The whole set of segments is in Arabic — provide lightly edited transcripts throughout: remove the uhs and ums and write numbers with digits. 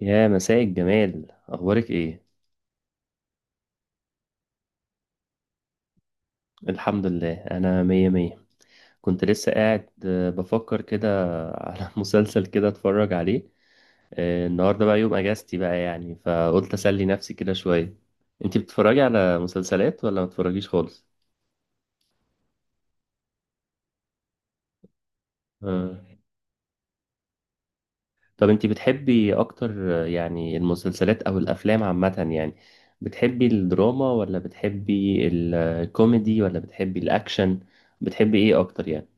يا مساء الجمال، اخبارك ايه؟ الحمد لله، انا مية مية. كنت لسه قاعد، بفكر كده على مسلسل كده اتفرج عليه. النهارده بقى يوم اجازتي بقى، يعني فقلت اسلي نفسي كده شويه. انتي بتتفرجي على مسلسلات ولا ما بتتفرجيش خالص؟ آه. طب انتي بتحبي اكتر، يعني المسلسلات او الافلام عامه يعني؟ بتحبي الدراما ولا بتحبي الكوميدي ولا بتحبي الاكشن؟ بتحبي ايه اكتر يعني؟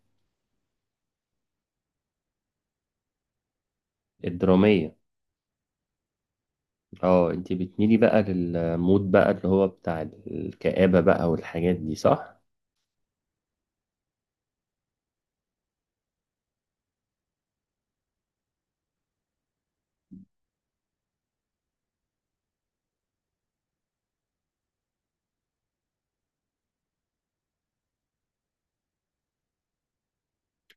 الدراميه؟ اه انت بتميلي بقى للمود بقى اللي هو بتاع الكآبة بقى والحاجات دي، صح؟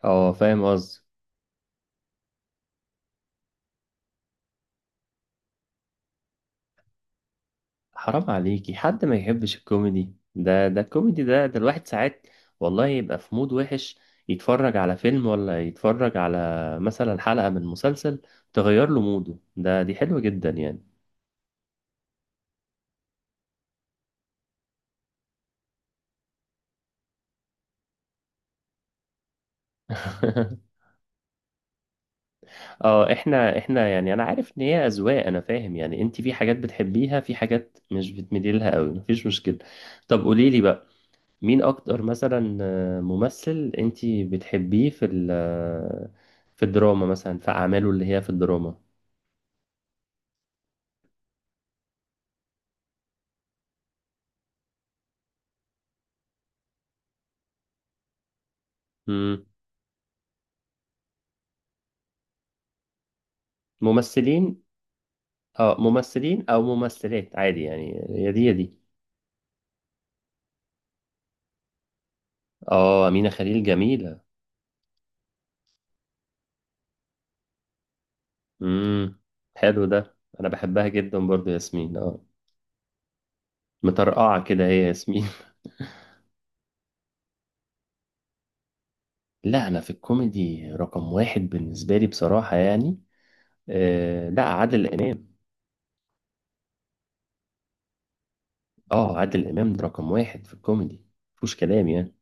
اه فاهم قصدي. حرام عليكي حد ما يحبش الكوميدي ده الكوميدي ده الواحد ساعات والله يبقى في مود وحش، يتفرج على فيلم ولا يتفرج على مثلا حلقة من مسلسل تغير له موده، ده دي حلوة جدا يعني. اه احنا يعني، انا عارف ان هي اذواق، انا فاهم يعني، انت في حاجات بتحبيها، في حاجات مش بتميلي لها قوي، مفيش مشكلة. طب قولي لي بقى، مين اكتر مثلا ممثل انتي بتحبيه في في الدراما مثلا، في اعماله اللي هي في الدراما. مم. ممثلين. اه ممثلين او ممثلات عادي يعني، هي دي هي دي. اه امينة خليل جميلة. امم حلو ده، انا بحبها جدا برضو ياسمين، اه. مطرقعة كده هي ياسمين. لا، انا في الكوميدي رقم واحد بالنسبة لي بصراحة، يعني لا، عادل امام. اه عادل امام ده رقم واحد في الكوميدي، مفيش كلام يعني.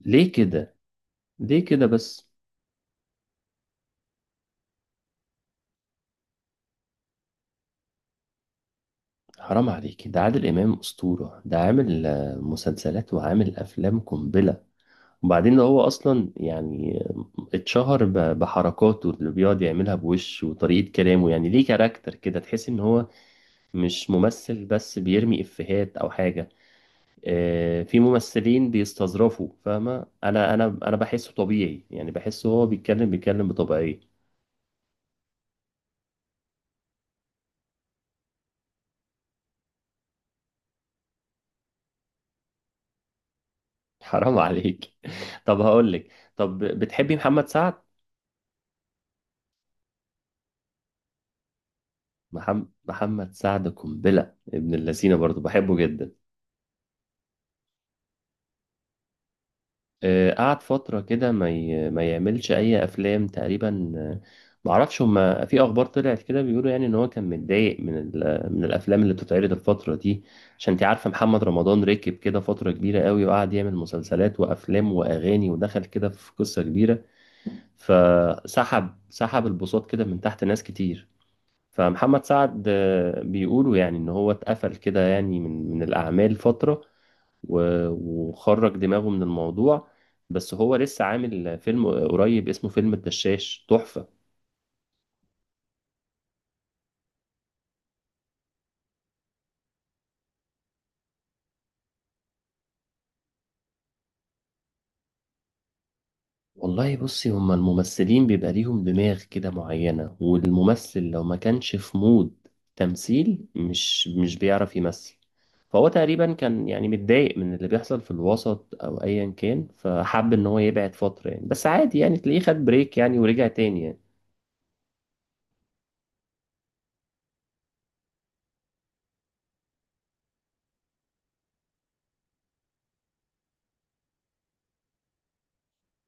ليه كده؟ ليه كده بس؟ حرام عليك، ده عادل امام اسطوره، ده عامل مسلسلات وعامل افلام قنبله. وبعدين ده هو اصلا يعني اتشهر بحركاته اللي بيقعد يعملها بوش وطريقه كلامه، يعني ليه كاركتر كده، تحس ان هو مش ممثل بس بيرمي افيهات او حاجه. في ممثلين بيستظرفوا، فاهمه؟ انا بحسه طبيعي يعني، بحسه هو بيتكلم بطبيعيه. حرام عليك. طب هقول لك، طب بتحبي محمد سعد؟ محمد سعد قنبلة ابن اللذينة، برضو بحبه جدا. قعد فترة كده ما يعملش أي أفلام تقريبا. معرفش، هما في أخبار طلعت كده بيقولوا يعني إن هو كان متضايق من الأفلام اللي بتتعرض الفترة دي. عشان أنت عارفة، محمد رمضان ركب كده فترة كبيرة قوي، وقعد يعمل مسلسلات وأفلام وأغاني، ودخل كده في قصة كبيرة، سحب البساط كده من تحت ناس كتير. فمحمد سعد بيقولوا يعني ان هو اتقفل كده، يعني من الاعمال فترة، وخرج دماغه من الموضوع. بس هو لسه عامل فيلم قريب اسمه فيلم الدشاش، تحفة. والله بصي، هما الممثلين بيبقى ليهم دماغ كده معينة، والممثل لو ما كانش في مود تمثيل، مش بيعرف يمثل. فهو تقريبا كان يعني متضايق من اللي بيحصل في الوسط او ايا كان، فحب ان هو يبعد فترة يعني، بس عادي يعني، تلاقيه خد بريك يعني ورجع تاني يعني.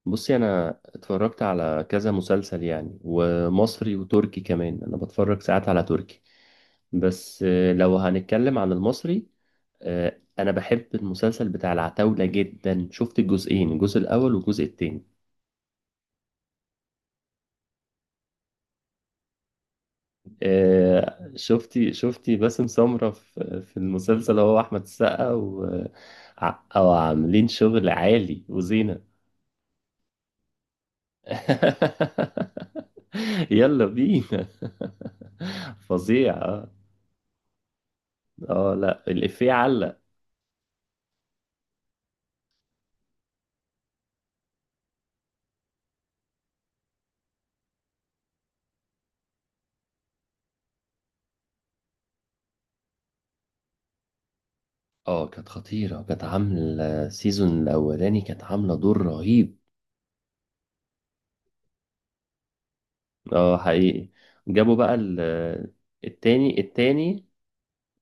بصي، انا اتفرجت على كذا مسلسل يعني، ومصري وتركي كمان، انا بتفرج ساعات على تركي، بس لو هنتكلم عن المصري، انا بحب المسلسل بتاع العتاولة جدا. شفت الجزئين، الجزء الاول والجزء التاني. شفتي باسم سمرة في المسلسل؟ هو احمد السقا و او عاملين شغل عالي، وزينة. يلا بينا. فظيع. اه لا، الإفيه علق. اه كانت خطيرة، كانت عاملة السيزون الأولاني كانت عاملة دور رهيب. اه حقيقي. جابوا بقى التاني التاني.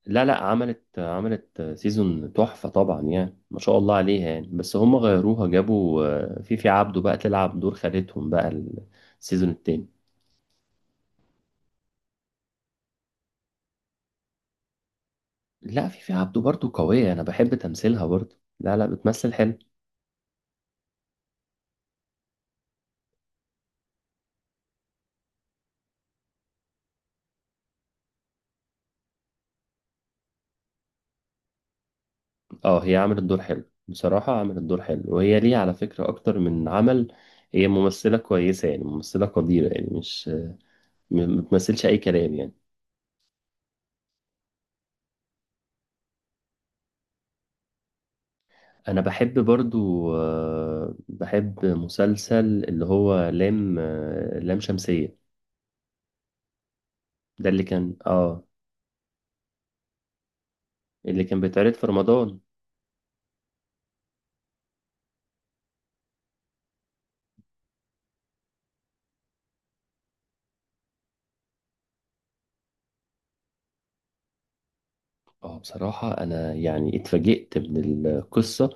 لا لا، عملت سيزون تحفة طبعا يعني، ما شاء الله عليها يعني، بس هم غيروها، جابوا فيفي عبده بقى تلعب دور خالتهم بقى السيزون التاني. لا، فيفي عبده برضو قوية، أنا بحب تمثيلها برضو، لا لا، بتمثل حلو. اه هي عملت دور حلو بصراحة، عملت دور حلو، وهي ليه على فكرة أكتر من عمل، هي ممثلة كويسة يعني، ممثلة قديرة يعني، مش ما بتمثلش أي كلام يعني. أنا بحب برضو، بحب مسلسل اللي هو لام لام شمسية. ده اللي كان، اه، اللي كان بيتعرض في رمضان. اه بصراحة أنا يعني اتفاجئت من القصة،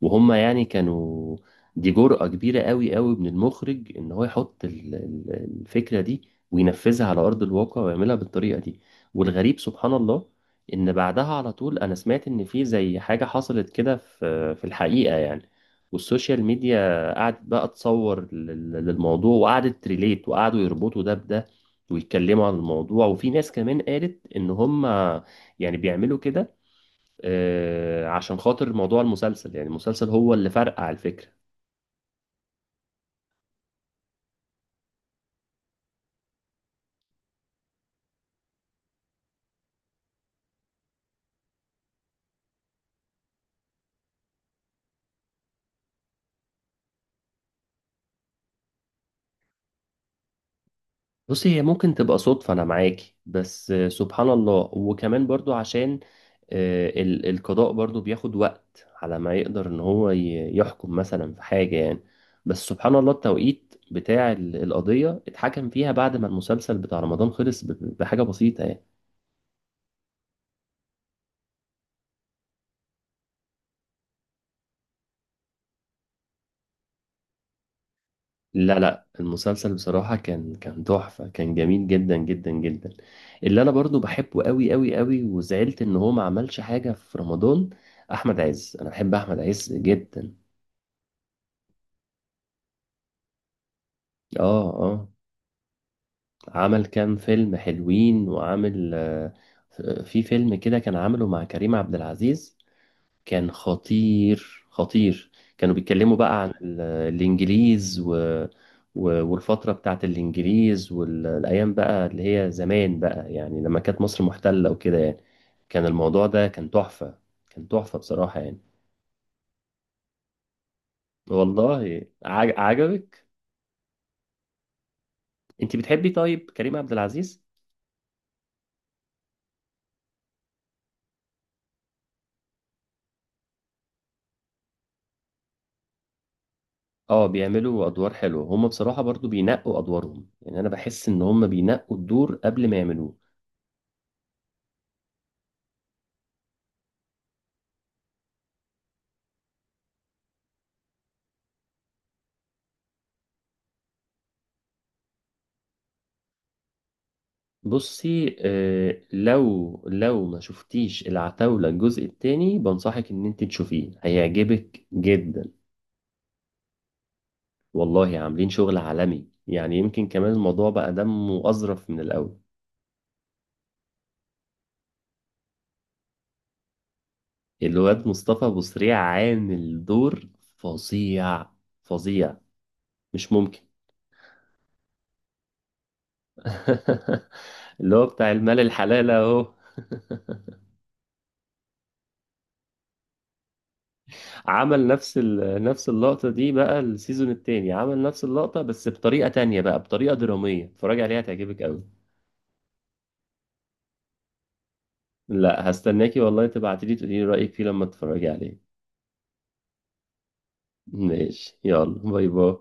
وهما يعني كانوا، دي جرأة كبيرة قوي قوي من المخرج إن هو يحط الفكرة دي، وينفذها على أرض الواقع ويعملها بالطريقة دي. والغريب سبحان الله، إن بعدها على طول أنا سمعت إن في زي حاجة حصلت كده في الحقيقة يعني. والسوشيال ميديا قعدت بقى تصور للموضوع، وقعدت تريليت، وقعدوا يربطوا ده بده، ويتكلموا عن الموضوع، وفي ناس كمان قالت إن هما يعني بيعملوا كده عشان خاطر موضوع المسلسل، يعني المسلسل هو اللي فرقع الفكرة. بصي، هي ممكن تبقى صدفة، أنا معاكي، بس سبحان الله، وكمان برضو عشان القضاء برضو بياخد وقت على ما يقدر إن هو يحكم مثلا في حاجة يعني. بس سبحان الله، التوقيت بتاع القضية اتحكم فيها بعد ما المسلسل بتاع رمضان خلص بحاجة بسيطة يعني. لا لا، المسلسل بصراحة كان تحفة، كان جميل جدا جدا جدا. اللي أنا برضو بحبه قوي قوي قوي، وزعلت إن هو ما عملش حاجة في رمضان، أحمد عز. أنا بحب أحمد عز جدا. آه آه عمل كام فيلم حلوين، وعامل في فيلم كده كان عامله مع كريم عبد العزيز، كان خطير خطير. كانوا بيتكلموا بقى عن الإنجليز، والفترة بتاعت الإنجليز والأيام بقى اللي هي زمان بقى، يعني لما كانت مصر محتلة وكده يعني. كان الموضوع ده كان تحفة، كان تحفة بصراحة يعني. والله عجبك؟ انت بتحبي طيب كريم عبد العزيز؟ اه بيعملوا ادوار حلوه هم بصراحه، برضو بينقوا ادوارهم يعني، انا بحس ان هم بينقوا الدور قبل ما يعملوه. بصي لو ما شفتيش العتاولة الجزء التاني، بنصحك ان انت تشوفيه، هيعجبك جدا. والله عاملين شغل عالمي يعني، يمكن كمان الموضوع بقى دمه أظرف من الأول. الواد مصطفى أبو سريع عامل دور فظيع، فظيع، مش ممكن. اللي هو بتاع المال الحلال اهو. عمل نفس نفس اللقطة دي بقى السيزون التاني، عمل نفس اللقطة بس بطريقة تانية بقى، بطريقة درامية، اتفرج عليها تعجبك قوي. لا هستناكي والله، تبعتيلي تقولي لي رأيك فيه لما تتفرجي عليه. ماشي، يلا باي باي.